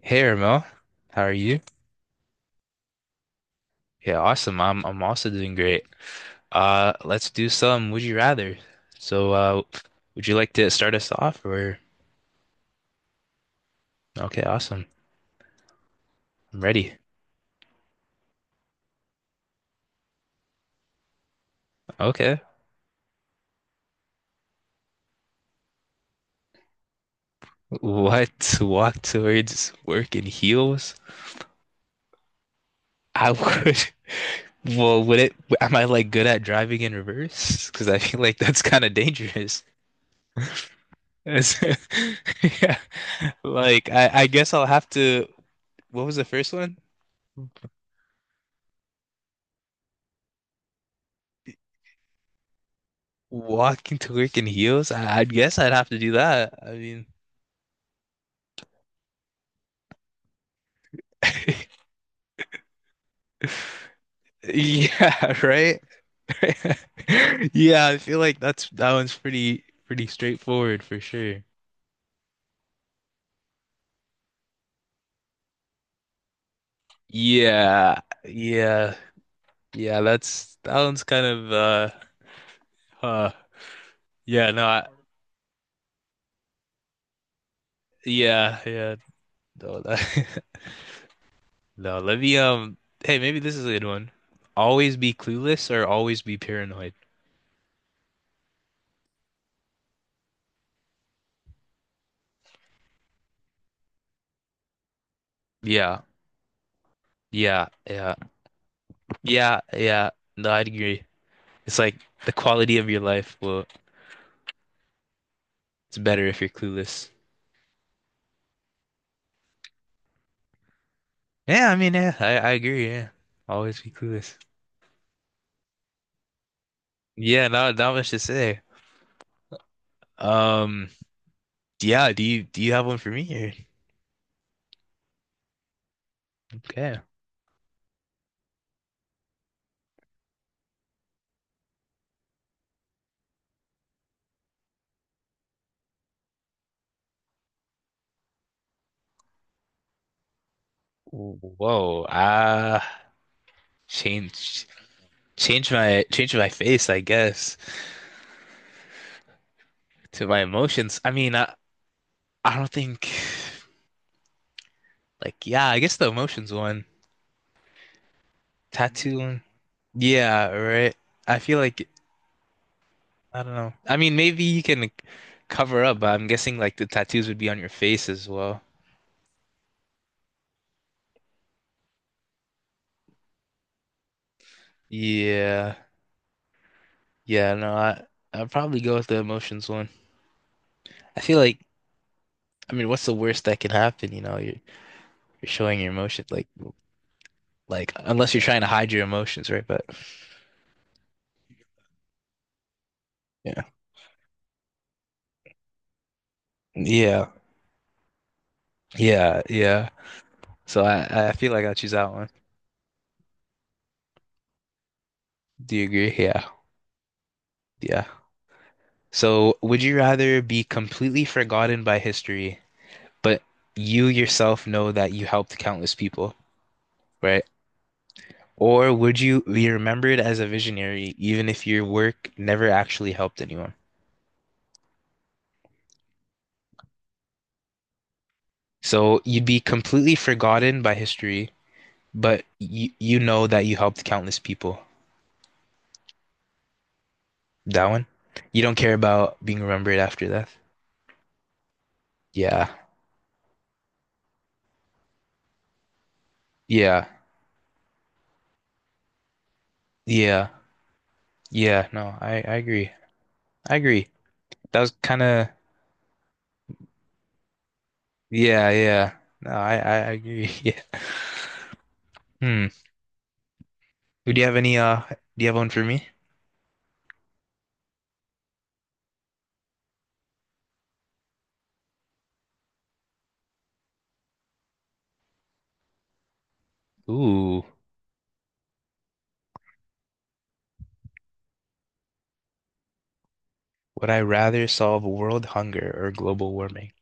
Hey Ramel, how are you? Yeah, awesome. I'm also doing great. Let's do some Would You Rather. So, uh, would you like to start us off or? Okay, awesome. I'm ready. Okay. What walk towards work in heels? I would. Well, would it? Am I like good at driving in reverse? Because I feel like that's kind of dangerous. Yeah. Like I guess I'll have to. What was the first one? Walking to work in heels? I guess I'd have to do that. I mean, yeah, right? Yeah, I feel like that's that one's pretty straightforward for sure. Yeah, yeah, yeah. That's that one's kind of uh, yeah, yeah, yeah. No, that, no. Let me. Hey, maybe this is a good one. Always be clueless or always be paranoid. Yeah, yeah, yeah, yeah, yeah. No, I'd agree. It's like the quality of your life. Well, it's better if you're clueless. Yeah, I mean, yeah, I agree. Yeah, always be clueless. Yeah, not not much to say. Um, yeah. Do you have one for me here? Okay. Whoa. Change change my face, I guess, to my emotions. I don't think like, yeah. I guess the emotions one, tattoo one. Yeah, right. I feel like I don't know. I mean, maybe you can like, cover up, but I'm guessing like the tattoos would be on your face as well. Yeah. Yeah, no, I'd probably go with the emotions one. I feel like I mean, what's the worst that can happen, you know? You're showing your emotion. Like unless you're trying to hide your emotions, right? But yeah. Yeah. Yeah, yeah. So I feel like I'll choose that one. Do you agree? Yeah. Yeah. So would you rather be completely forgotten by history, but you yourself know that you helped countless people? Right? Or would you be remembered as a visionary even if your work never actually helped anyone? So you'd be completely forgotten by history, but you know that you helped countless people. That one? You don't care about being remembered after death? Yeah. Yeah. Yeah. Yeah. No, I agree. I agree. That was kind of yeah, yeah. No, I agree. Yeah. Hmm. Do you have any uh do you have one for me? Ooh. Would I rather solve world hunger or global warming?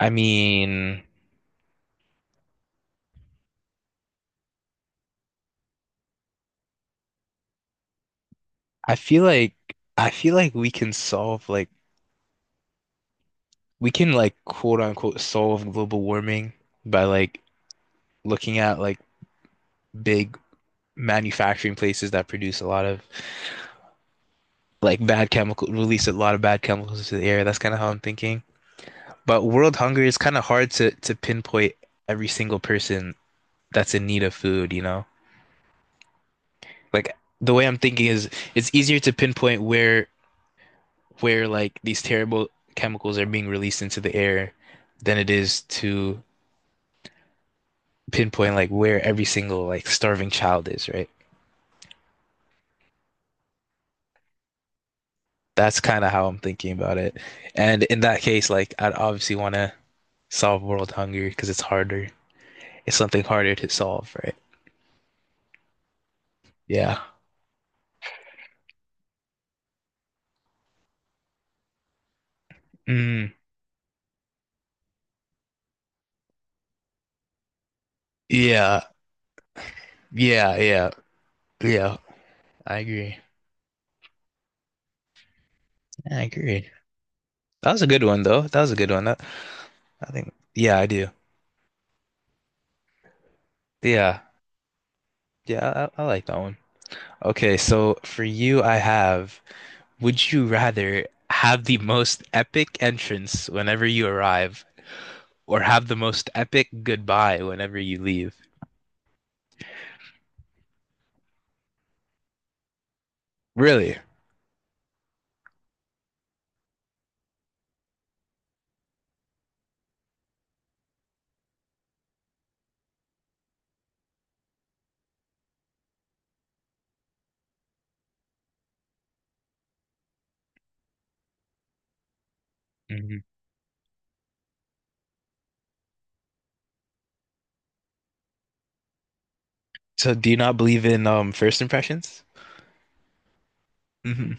I mean, I feel like I feel like we can solve like we can like quote unquote solve global warming by like looking at like big manufacturing places that produce a lot of like bad chemical release a lot of bad chemicals into the air. That's kind of how I'm thinking. But world hunger is kind of hard to pinpoint every single person that's in need of food, you know? Like the way I'm thinking is it's easier to pinpoint where like these terrible chemicals are being released into the air than it is to pinpoint like where every single like starving child is, right? That's kind of how I'm thinking about it. And in that case, like I'd obviously want to solve world hunger because it's harder. It's something harder to solve, right? Yeah. Mm, yeah. Yeah. Yeah. Yeah. I agree. I agree. That was a good one though. That was a good one. That, I think. Yeah, I do. Yeah. Yeah. I like that one. Okay, so for you, I have, would you rather have the most epic entrance whenever you arrive or have the most epic goodbye whenever you leave? Really? Hmm. So do you not believe in first impressions? Hmm.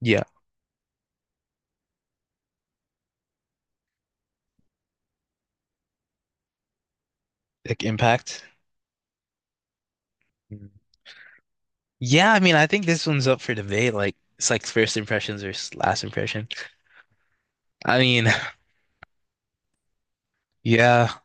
Yeah, like impact. Mm. Yeah, I mean, I think this one's up for debate. Like it's like first impressions or last impression. I mean, yeah.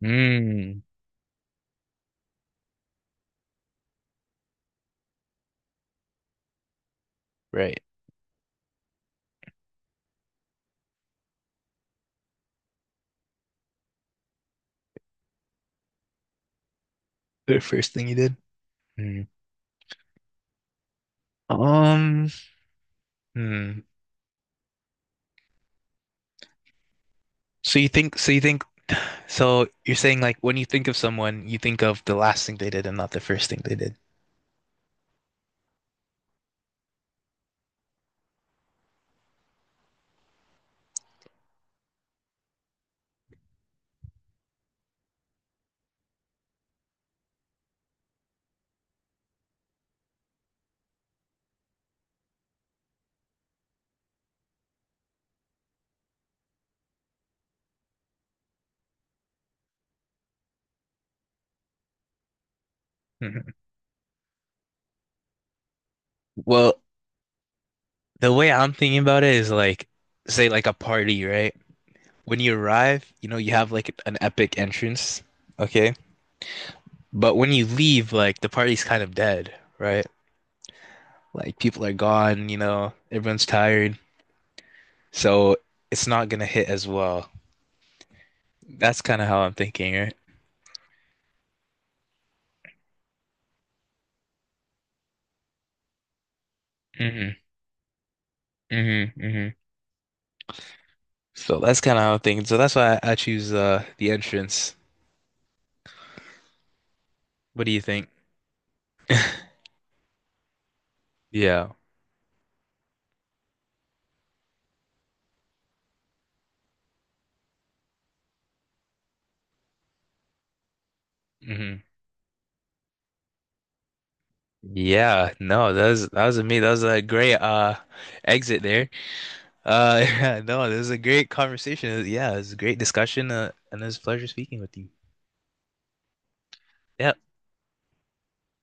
Mm, right. The first thing you did. Mm. Um, hmm. So you think so you think So you're saying like when you think of someone, you think of the last thing they did and not the first thing they did. Mhm. Well, the way I'm thinking about it is like, say like a party, right? When you arrive, you know, you have like an epic entrance, okay? But when you leave, like the party's kind of dead, right? Like people are gone, you know, everyone's tired. So it's not gonna hit as well. That's kind of how I'm thinking, right? Mm-hmm. Mm-hmm. Mm-hmm. So that's kind of how I'm thinking. So that's why I choose the entrance. What do you think? Yeah. Mm-hmm. Yeah, no, that was me. That was a great exit there. Yeah, no, this is a great conversation. Yeah, it's a great discussion, and it's a pleasure speaking with you. Yeah.